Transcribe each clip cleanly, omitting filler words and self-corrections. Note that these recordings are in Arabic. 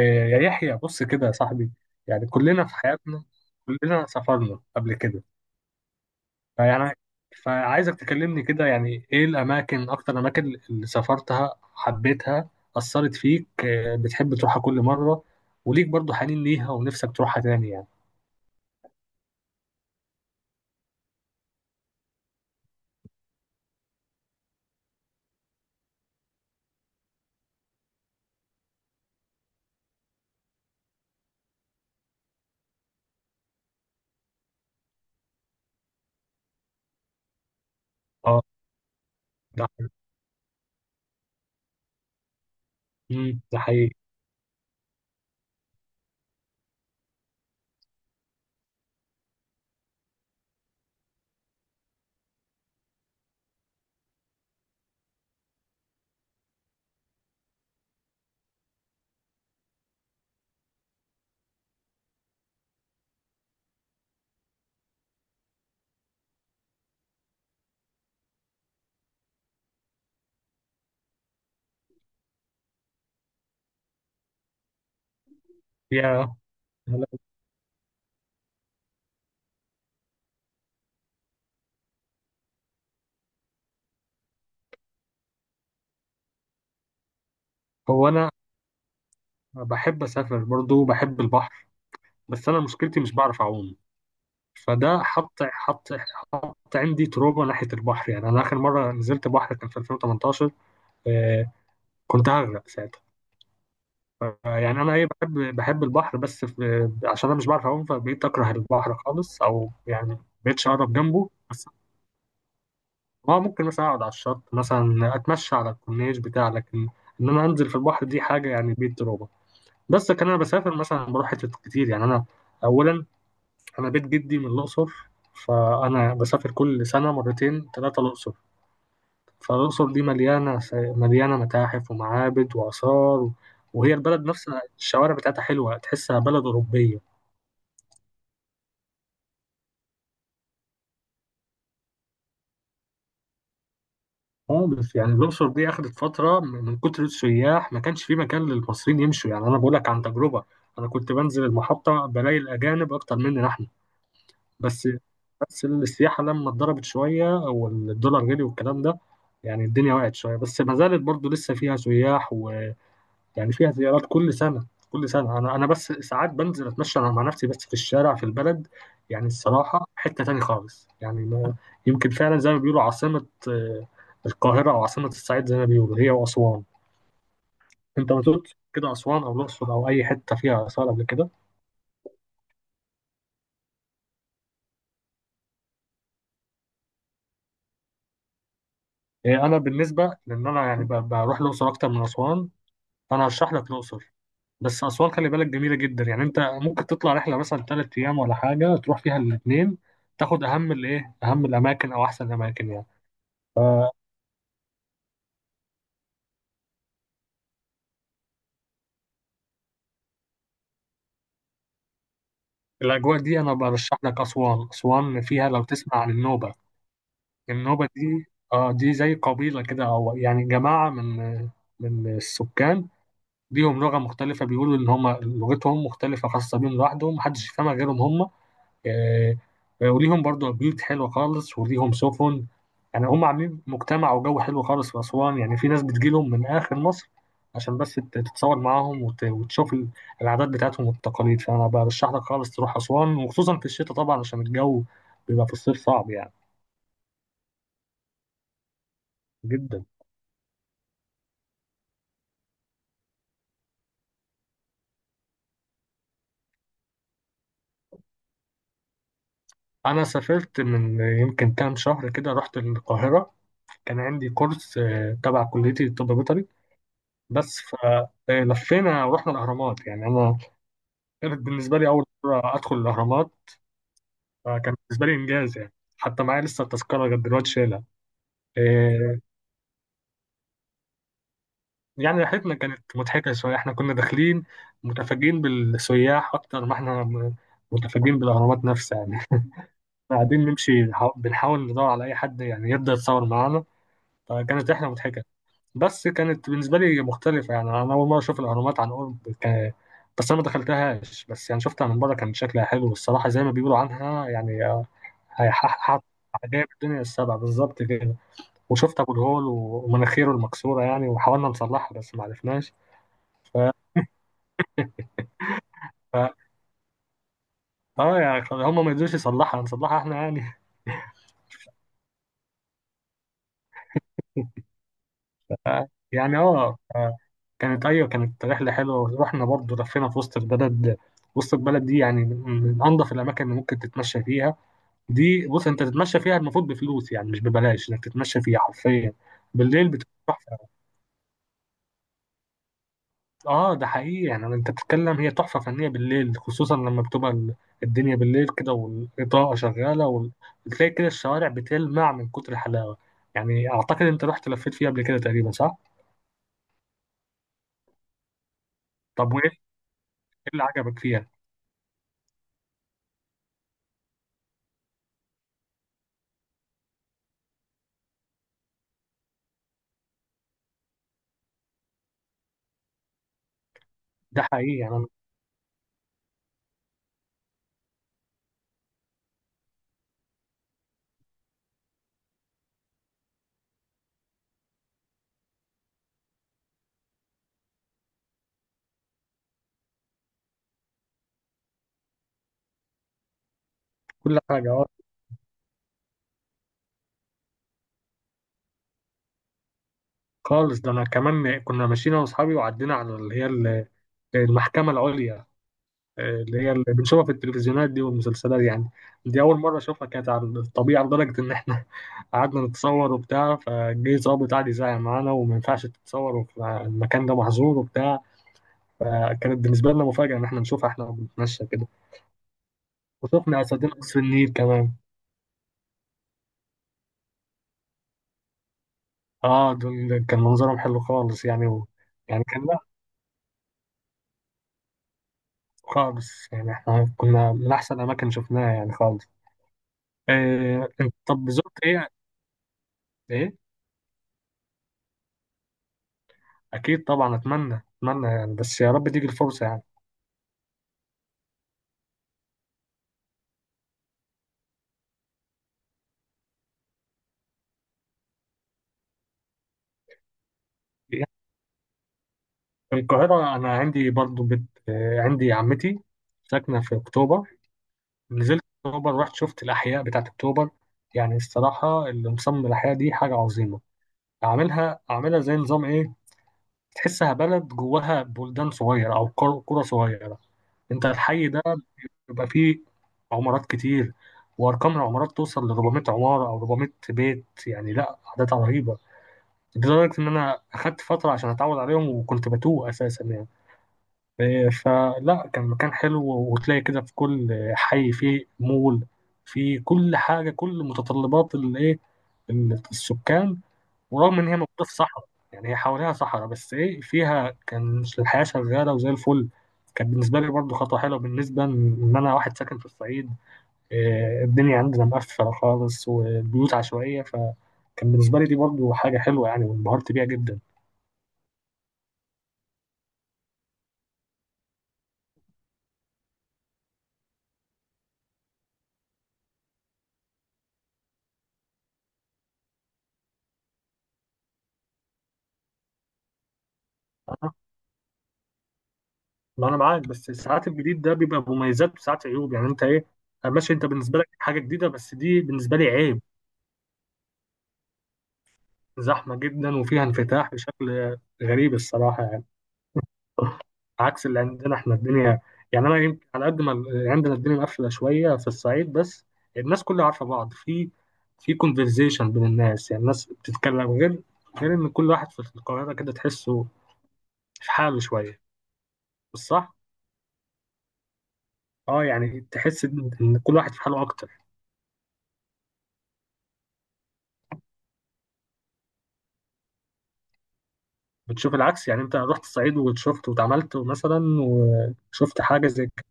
إيه، يا يحيى، بص كده يا صاحبي. يعني كلنا في حياتنا كلنا سافرنا قبل كده، فيعني فعايزك تكلمني كده، يعني ايه الاماكن، اكتر الاماكن اللي سافرتها، حبيتها، اثرت فيك إيه، بتحب تروحها كل مره وليك برضو حنين ليها ونفسك تروحها تاني يعني. اه، ده ده حقيقي. يا هو انا بحب اسافر، برضو بحب البحر، بس انا مشكلتي مش بعرف اعوم. فده حط عندي تروما ناحيه البحر. يعني انا اخر مره نزلت بحر كان في 2018، آه، كنت هغرق ساعتها. يعني انا ايه، بحب البحر، بس في عشان انا مش بعرف اعوم فبقيت اكره البحر خالص، او يعني مبقتش اقرب جنبه بس. اه، ممكن مثلا اقعد على الشط، مثلا اتمشى على الكورنيش بتاع، لكن ان انا انزل في البحر دي حاجه يعني بيت تروما. بس كان انا بسافر مثلا بروح حتت كتير يعني. انا اولا انا بيت جدي من الاقصر، فانا بسافر كل سنه مرتين ثلاثه الاقصر. فالأقصر دي مليانة مليانة متاحف ومعابد وآثار، وهي البلد نفسها الشوارع بتاعتها حلوة، تحسها بلد أوروبية خالص. يعني الأقصر دي أخدت فترة من كتر السياح ما كانش في مكان للمصريين يمشوا. يعني أنا بقولك عن تجربة، أنا كنت بنزل المحطة بلاقي الأجانب أكتر مننا إحنا. بس بس السياحة لما اتضربت شوية والدولار غلي والكلام ده، يعني الدنيا وقعت شوية بس ما زالت برضو لسه فيها سياح. يعني فيها زيارات كل سنة كل سنة. أنا بس ساعات بنزل أتمشى أنا مع نفسي بس في الشارع في البلد. يعني الصراحة حتة تاني خالص يعني، ما يمكن فعلا زي ما بيقولوا عاصمة، القاهرة أو عاصمة الصعيد زي ما بيقولوا، هي وأسوان. أنت ما زرت كده أسوان أو الأقصر أو أي حتة فيها آثار قبل كده؟ أنا بالنسبة لأن أنا يعني بروح الأقصر أكتر من أسوان، فأنا هرشح لك الأقصر. بس أسوان خلي بالك جميلة جدا، يعني أنت ممكن تطلع رحلة مثلا تلات أيام ولا حاجة، تروح فيها الاتنين، تاخد أهم الإيه، أهم الأماكن أو أحسن الأماكن يعني. الأجواء دي أنا برشح لك أسوان، أسوان فيها لو تسمع عن النوبة. النوبة دي آه، دي زي قبيلة كده، أو يعني جماعة من من السكان، ليهم لغة مختلفة. بيقولوا إن هما لغتهم مختلفة خاصة بيهم لوحدهم محدش يفهمها غيرهم هما. آه، وليهم برضو بيوت حلوة خالص، وليهم سفن. يعني هم عاملين مجتمع وجو حلو خالص في أسوان، يعني في ناس بتجيلهم من آخر مصر عشان بس تتصور معاهم وتشوف العادات بتاعتهم والتقاليد. فأنا برشح لك خالص تروح أسوان، وخصوصا في الشتاء طبعا عشان الجو بيبقى في الصيف صعب، يعني جدا. أنا سافرت من يمكن كام شهر كده رحت القاهرة، كان عندي كورس تبع كليتي الطب البيطري. بس فلفينا ورحنا الأهرامات. يعني أنا كانت بالنسبة لي أول مرة أدخل الأهرامات، فكان بالنسبة لي إنجاز يعني. حتى معايا لسه التذكرة لغاية دلوقتي شايلها. إيه يعني رحلتنا كانت مضحكة شوية. إحنا كنا داخلين متفاجئين بالسياح أكتر ما إحنا متفاجئين بالأهرامات نفسها يعني. قاعدين نمشي بنحاول ندور على أي حد يعني يبدأ يتصور معانا. فكانت رحلة مضحكة. بس كانت بالنسبة لي مختلفة، يعني أنا أول مرة أشوف الأهرامات عن قرب. بس أنا ما دخلتهاش، بس يعني شفتها من بره كان شكلها حلو، والصراحة زي ما بيقولوا عنها يعني، هيحقق عجائب الدنيا السبع بالظبط كده. وشفت أبو الهول ومناخيره المكسورة يعني، وحاولنا نصلحها بس ما عرفناش. ف... ف... آه يعني هم ما يقدروش يصلحها نصلحها إحنا يعني. ف- يعني آه ف- كانت أيوة كانت رحلة حلوة. رحنا برضه لفينا في وسط البلد. وسط البلد دي يعني من من أنظف الأماكن اللي ممكن تتمشى فيها. دي بص انت تتمشى فيها المفروض بفلوس، يعني مش ببلاش انك تتمشى فيها حرفيا. بالليل بتبقى تحفه. اه ده حقيقي، يعني انت بتتكلم، هي تحفه فنيه بالليل، خصوصا لما بتبقى الدنيا بالليل كده والاضاءه شغاله، بتلاقي كده الشوارع بتلمع من كتر الحلاوه. يعني اعتقد انت رحت لفيت فيها قبل كده تقريبا، صح؟ طب وايه، إيه اللي عجبك فيها؟ ده حقيقي يعني أنا. كل حاجه، اه خالص. ده انا كمان كنا ماشيين انا واصحابي وعدينا على اللي هي المحكمه العليا، اللي هي اللي بنشوفها في التلفزيونات دي والمسلسلات يعني. دي أول مرة أشوفها كانت على الطبيعة، لدرجة إن إحنا قعدنا نتصور وبتاع، فجه ظابط قعد يزعق معانا وما ينفعش تتصوروا، المكان ده محظور وبتاع. فكانت بالنسبة لنا مفاجأة إن إحنا نشوفها إحنا بنتمشى كده. وشفنا أسدين قصر النيل كمان، آه دول كان منظرهم حلو خالص يعني يعني كان، لا خالص يعني إحنا كنا من أحسن أماكن شفناها يعني خالص. طب زرت إيه؟ إيه؟ أكيد طبعا، أتمنى أتمنى يعني، بس يا رب تيجي الفرصة يعني. في القاهرة أنا عندي برضو بت... آه، عندي عمتي ساكنة في أكتوبر، نزلت أكتوبر رحت شفت الأحياء بتاعت أكتوبر. يعني الصراحة اللي مصمم الأحياء دي حاجة عظيمة. أعملها أعملها زي نظام إيه، تحسها بلد جواها بلدان صغيرة أو قرى صغيرة. أنت الحي ده بيبقى فيه عمارات كتير، وأرقام العمارات توصل ل 400 عمارة أو 400 بيت يعني، لا أعداد رهيبة، لدرجة إن أنا أخدت فترة عشان أتعود عليهم، وكنت بتوه أساسا يعني. فلا كان مكان حلو. وتلاقي كده في كل حي فيه مول، في كل حاجة، كل متطلبات الإيه، السكان. ورغم إن هي موجودة في صحراء، يعني هي حواليها صحراء، بس إيه فيها كان الحياة شغالة وزي الفل. كان بالنسبة لي برضه خطوة حلوة، بالنسبة إن أنا واحد ساكن في الصعيد، الدنيا عندنا مقفلة خالص والبيوت عشوائية، فكان بالنسبة لي دي برضه حاجة حلوة يعني، وانبهرت بيها جدا. آه، ما انا معاك، بس ساعات الجديد ده بيبقى مميزات وساعات عيوب، يعني انت ايه، ماشي انت بالنسبه لك حاجه جديده، بس دي بالنسبه لي عيب. زحمه جدا، وفيها انفتاح بشكل غريب الصراحه يعني. عكس اللي عندنا احنا الدنيا، يعني انا يمكن على قد ما عندنا الدنيا مقفله شويه في الصعيد، بس الناس كلها عارفه بعض، في في كونفرزيشن بين الناس، يعني الناس بتتكلم، غير ان كل واحد في القاهره كده تحسه في حاله شويه، مش صح؟ اه، يعني تحس ان إن كل واحد في حاله اكتر. بتشوف العكس؟ يعني انت رحت الصعيد وشفت واتعاملت مثلا وشفت حاجه زي كده؟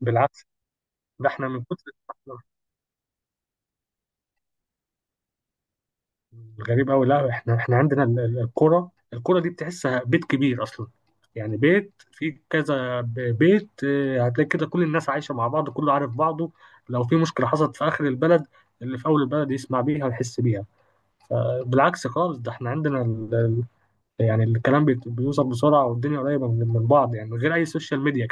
بالعكس، ده احنا من كتر، غريب قوي. لا احنا، احنا عندنا القرى دي بتحسها بيت كبير اصلا، يعني بيت فيه كذا بيت. اه، هتلاقي كده كل الناس عايشه مع بعض كله عارف بعضه. لو في مشكله حصلت في اخر البلد، اللي في اول البلد يسمع بيها ويحس بيها. بالعكس خالص، ده احنا عندنا يعني الكلام بيوصل بسرعه، والدنيا قريبه من بعض يعني، من غير اي سوشيال ميديا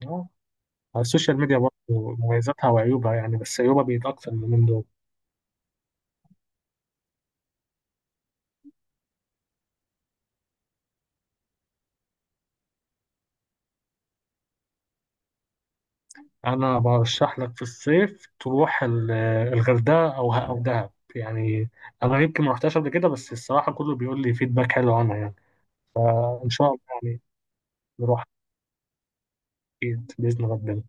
كمان. السوشيال ميديا برضه مميزاتها وعيوبها يعني، بس عيوبها بيت أكتر من دول. أنا برشح لك في الصيف تروح الغردقة أو دهب يعني. أنا يمكن ما رحتهاش قبل كده، بس الصراحة كله بيقول لي فيدباك حلو عنها يعني. إن شاء الله يعني نروح، أكيد بإذن ربنا.